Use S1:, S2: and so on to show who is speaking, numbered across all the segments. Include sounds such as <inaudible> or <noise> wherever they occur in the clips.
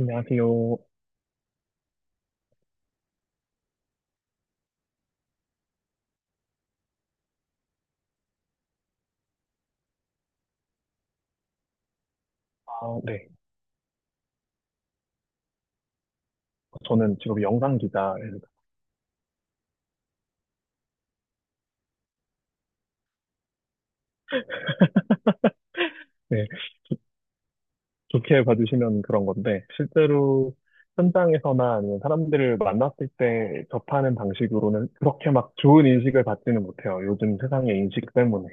S1: 안녕하세요. 아, 네. 저는 직업이 영상 기자입니다. 네. 좋게 봐주시면 그런 건데, 실제로 현장에서나 아니면 사람들을 만났을 때 접하는 방식으로는 그렇게 막 좋은 인식을 받지는 못해요. 요즘 세상의 인식 때문에.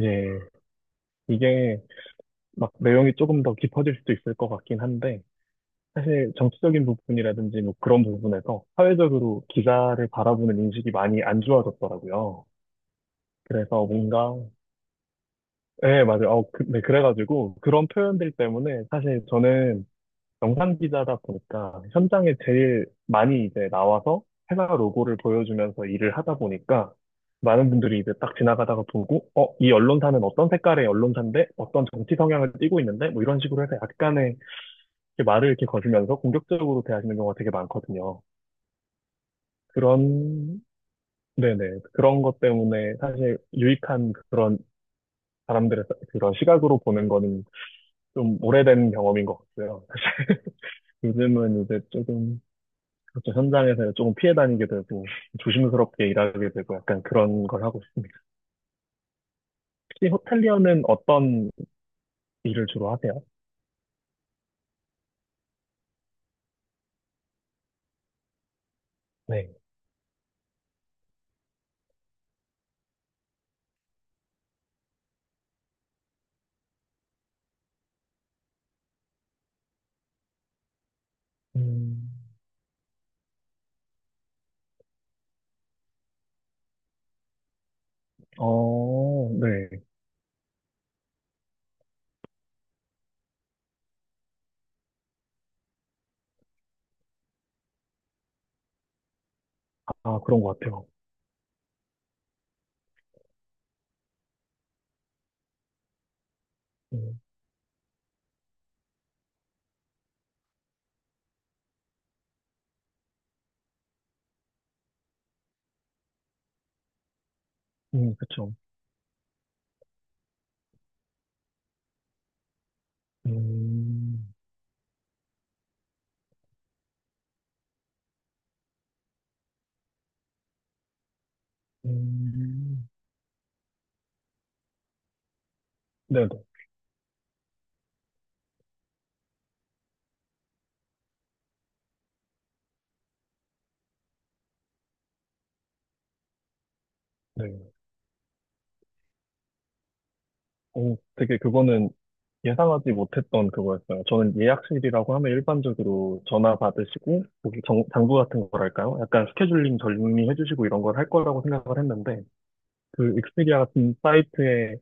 S1: 예. 이게 막 내용이 조금 더 깊어질 수도 있을 것 같긴 한데, 사실 정치적인 부분이라든지 뭐 그런 부분에서 사회적으로 기자를 바라보는 인식이 많이 안 좋아졌더라고요. 그래서 뭔가 네, 맞아요. 네, 그래가지고 그런 표현들 때문에 사실 저는 영상 기자다 보니까 현장에 제일 많이 이제 나와서 회사 로고를 보여주면서 일을 하다 보니까 많은 분들이 이제 딱 지나가다가 보고, 어, 이 언론사는 어떤 색깔의 언론사인데 어떤 정치 성향을 띠고 있는데 뭐 이런 식으로 해서 약간의 이렇게 말을 이렇게 거주면서 공격적으로 대하시는 경우가 되게 많거든요. 그런, 네네. 그런 것 때문에 사실 유익한 그런 사람들의 그런 시각으로 보는 거는 좀 오래된 경험인 것 같고요. 요즘은 이제 조금 그렇죠. 현장에서 조금 피해 다니게 되고 조심스럽게 일하게 되고 약간 그런 걸 하고 있습니다. 혹시 호텔리어는 어떤 일을 주로 하세요? 네. 음, 어, 네. 아, 그런 것 같아요. 음, 그쵸. 음, 음, 네네. 네. 오, 되게 그거는 예상하지 못했던 그거였어요. 저는 예약실이라고 하면 일반적으로 전화 받으시고, 거기 장부 같은 거랄까요? 약간 스케줄링 정리해 주시고 이런 걸 할 거라고 생각을 했는데, 그 익스피디아 같은 사이트에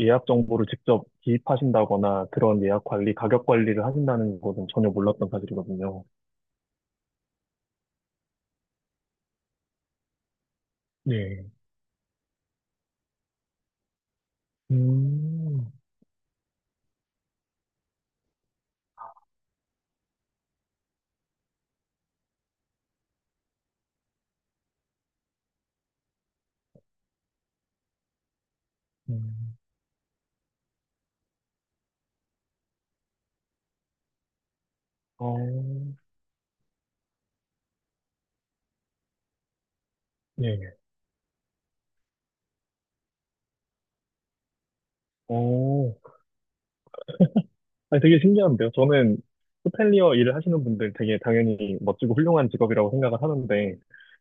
S1: 예약 정보를 직접 기입하신다거나 그런 예약 관리, 가격 관리를 하신다는 것은 전혀 몰랐던 사실이거든요. 네. 음, 음, 어, 네. 어, 아니, 되게 신기한데요. 저는 호텔리어 일을 하시는 분들 되게 당연히 멋지고 훌륭한 직업이라고 생각을 하는데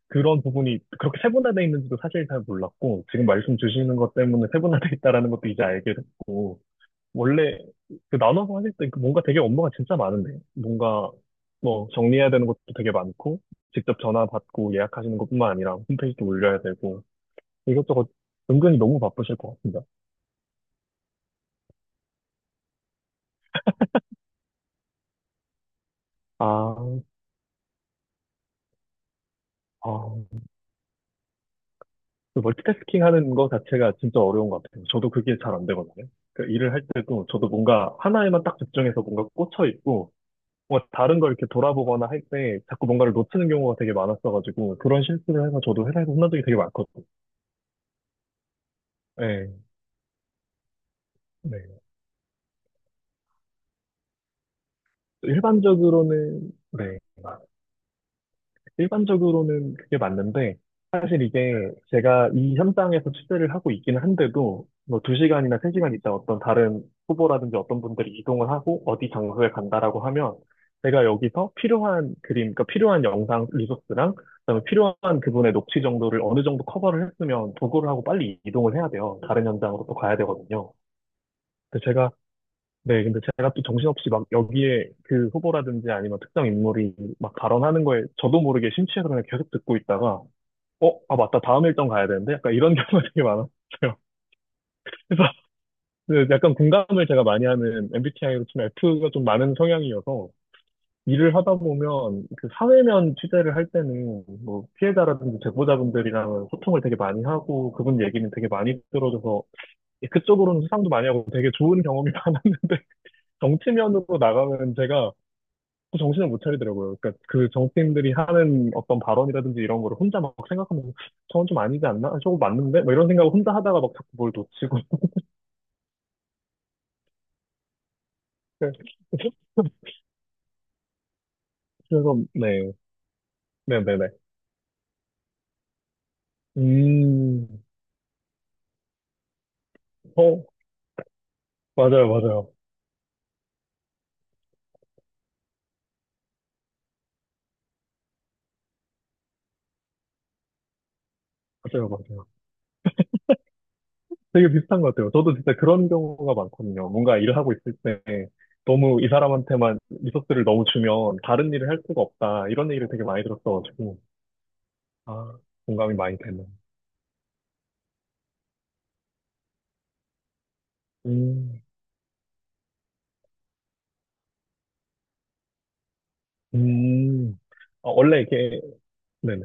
S1: 그런 부분이 그렇게 세분화돼 있는지도 사실 잘 몰랐고 지금 말씀 주시는 것 때문에 세분화돼 있다라는 것도 이제 알게 됐고 원래 그 나눠서 하실 때그 뭔가 되게 업무가 진짜 많은데 뭔가 뭐 정리해야 되는 것도 되게 많고 직접 전화 받고 예약하시는 것뿐만 아니라 홈페이지도 올려야 되고 이것저것 은근히 너무 바쁘실 것 같습니다. 아, 아. 그 멀티태스킹 하는 거 자체가 진짜 어려운 것 같아요. 저도 그게 잘 안 되거든요. 그 일을 할 때도 저도 뭔가 하나에만 딱 집중해서 뭔가 꽂혀 있고, 뭔가 다른 걸 이렇게 돌아보거나 할 때 자꾸 뭔가를 놓치는 경우가 되게 많았어가지고, 그런 실수를 해서 저도 회사에서 혼난 적이 되게 많거든요. 네, 네. 일반적으로는, 네. 일반적으로는 그게 맞는데, 사실 이게 제가 이 현장에서 취재를 하고 있기는 한데도, 뭐 2시간이나 3시간 있다 어떤 다른 후보라든지 어떤 분들이 이동을 하고 어디 장소에 간다라고 하면, 제가 여기서 필요한 그림, 그러니까 필요한 영상 리소스랑, 그다음에 필요한 그분의 녹취 정도를 어느 정도 커버를 했으면 도구를 하고 빨리 이동을 해야 돼요. 다른 현장으로 또 가야 되거든요. 근데 제가 네, 근데 제가 또 정신없이 막 여기에 그 후보라든지 아니면 특정 인물이 막 발언하는 거에 저도 모르게 심취해서 그냥 계속 듣고 있다가, 어, 아, 맞다. 다음 일정 가야 되는데? 약간 이런 <laughs> 경우가 되게 많았어요. <laughs> 그래서 그 약간 공감을 제가 많이 하는 MBTI로 치면 F가 좀 많은 성향이어서 일을 하다 보면 그 사회면 취재를 할 때는 뭐 피해자라든지 제보자분들이랑 소통을 되게 많이 하고 그분 얘기는 되게 많이 들어줘서 예, 그쪽으로는 수상도 많이 하고 되게 좋은 경험이 <laughs> 많았는데 정치면으로 나가면 제가 또 정신을 못 차리더라고요. 그러니까 그 정치인들이 하는 어떤 발언이라든지 이런 거를 혼자 막 생각하면서 저건 좀 아니지 않나? 아, 저거 맞는데? 막 이런 생각을 혼자 하다가 막 자꾸 뭘 놓치고. <laughs> 그래서 네, 네, 네, 네. 음, 어, 맞아요, 맞아요, 맞아요, 맞아요. 되게 비슷한 것 같아요. 저도 진짜 그런 경우가 많거든요. 뭔가 일을 하고 있을 때 너무 이 사람한테만 리소스를 너무 주면 다른 일을 할 수가 없다 이런 얘기를 되게 많이 들었어가지고 아, 공감이 많이 되는. 음, 음. 아, 원래 이게 네네.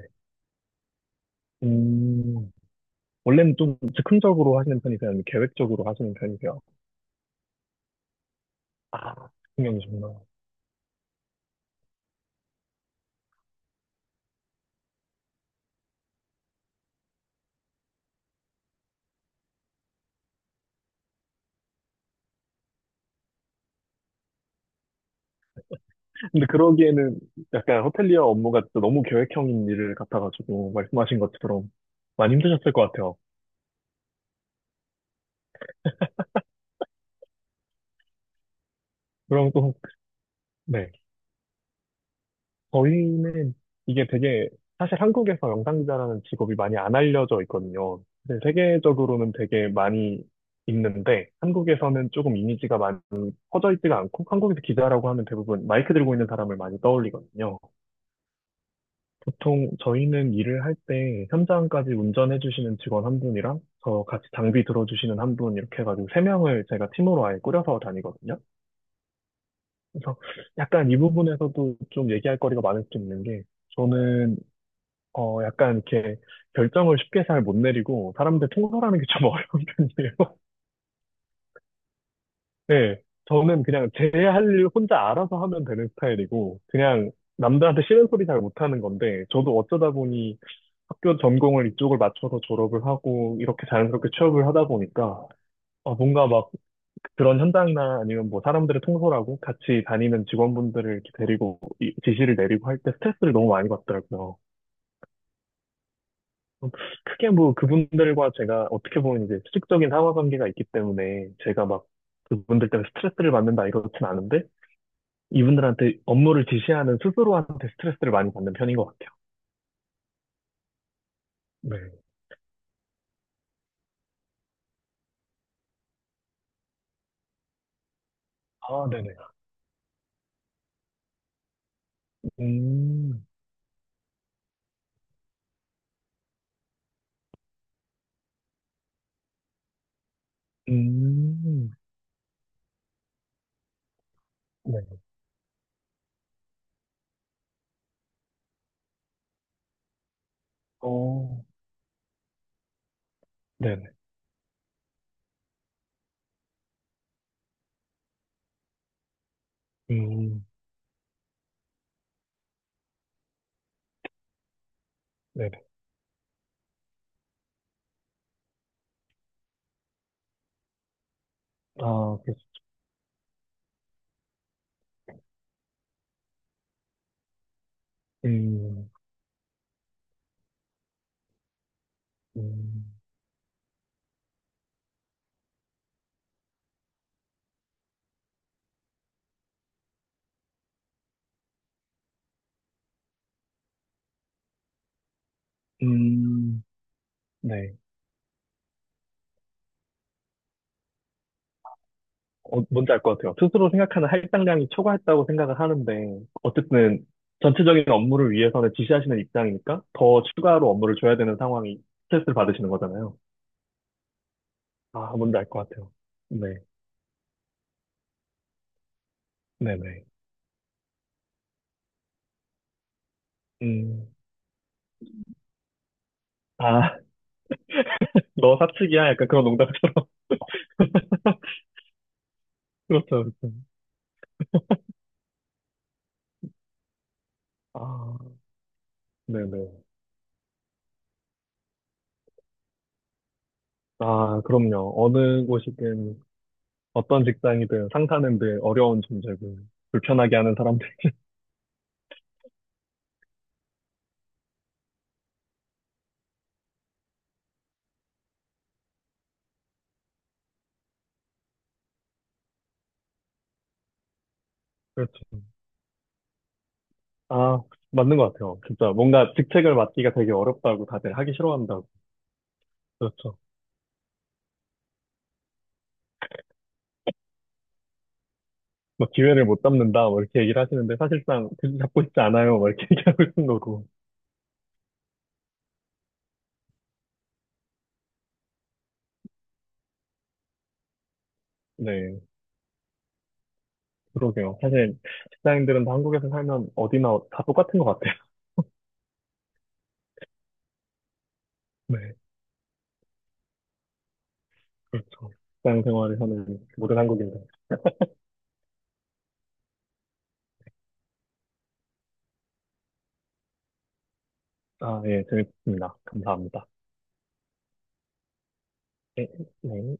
S1: 음, 원래는 좀 즉흥적으로 하시는 편이세요? 아니면 계획적으로 하시는 편이세요? 아, 즉흥형이시구나. 근데 그러기에는 약간 호텔리어 업무가 또 너무 계획형인 일 같아가지고 말씀하신 것처럼 많이 힘드셨을 것 같아요. 그럼 또, 네. 저희는 이게 되게 사실 한국에서 영상기자라는 직업이 많이 안 알려져 있거든요. 네, 세계적으로는 되게 많이 있는데 한국에서는 조금 이미지가 많이 퍼져 있지가 않고 한국에서 기자라고 하면 대부분 마이크 들고 있는 사람을 많이 떠올리거든요. 보통 저희는 일을 할 때 현장까지 운전해 주시는 직원 한 분이랑 저 같이 장비 들어주시는 한 분 이렇게 해가지고 3명을 제가 팀으로 아예 꾸려서 다니거든요. 그래서 약간 이 부분에서도 좀 얘기할 거리가 많을 수 있는 게 저는 어 약간 이렇게 결정을 쉽게 잘 못 내리고 사람들 통솔하는 게 좀 <laughs> 어려운 편이에요. 네, 저는 그냥 제 할 일 혼자 알아서 하면 되는 스타일이고, 그냥 남들한테 싫은 소리 잘 못하는 건데, 저도 어쩌다 보니 학교 전공을 이쪽을 맞춰서 졸업을 하고, 이렇게 자연스럽게 취업을 하다 보니까, 어, 뭔가 막 그런 현장이나 아니면 뭐 사람들을 통솔하고 같이 다니는 직원분들을 이렇게 데리고, 지시를 내리고 할 때 스트레스를 너무 많이 받더라고요. 어, 크게 뭐 그분들과 제가 어떻게 보면 이제 수직적인 상하 관계가 있기 때문에 제가 막 그분들 때문에 스트레스를 받는다 이렇진 않은데, 이분들한테 업무를 지시하는 스스로한테 스트레스를 많이 받는 편인 것 같아요. 네. 아, 네네. 음, 음, 네. 어, 네네. 음, 네네. 아, 그래서, 음, 음, 음, 네. 어, 뭔지 알 것 같아요. 스스로 생각하는 할당량이 초과했다고 생각을 하는데, 어쨌든 전체적인 업무를 위해서는 지시하시는 입장이니까 더 추가로 업무를 줘야 되는 상황이 스트레스를 받으시는 거잖아요. 아, 뭔지 알 것 같아요. 네, 네네. 음, 아, 너 사측이야? 약간 그런 농담처럼. <laughs> 그렇죠, 그렇죠. 아, 네네. 아, 그럼요. 어느 곳이든, 어떤 직장이든 상사는들 어려운 존재고, 불편하게 하는 사람들. <laughs> 그렇죠. 아, 맞는 것 같아요. 진짜 뭔가 직책을 맡기가 되게 어렵다고 다들 하기 싫어한다고. 그렇죠. 막 기회를 못 잡는다, 뭐 이렇게 얘기를 하시는데 사실상 그 잡고 싶지 않아요, 뭐 이렇게 <laughs> 얘기하고 있는 거고. 네, 그러게요. 사실 직장인들은 다 한국에서 살면 어디나 다 똑같은 것 같아요. <laughs> 네. 그렇죠. 직장 생활을 하는 모든 한국인들. 아, 예, 재밌습니다. 감사합니다. 네. 네.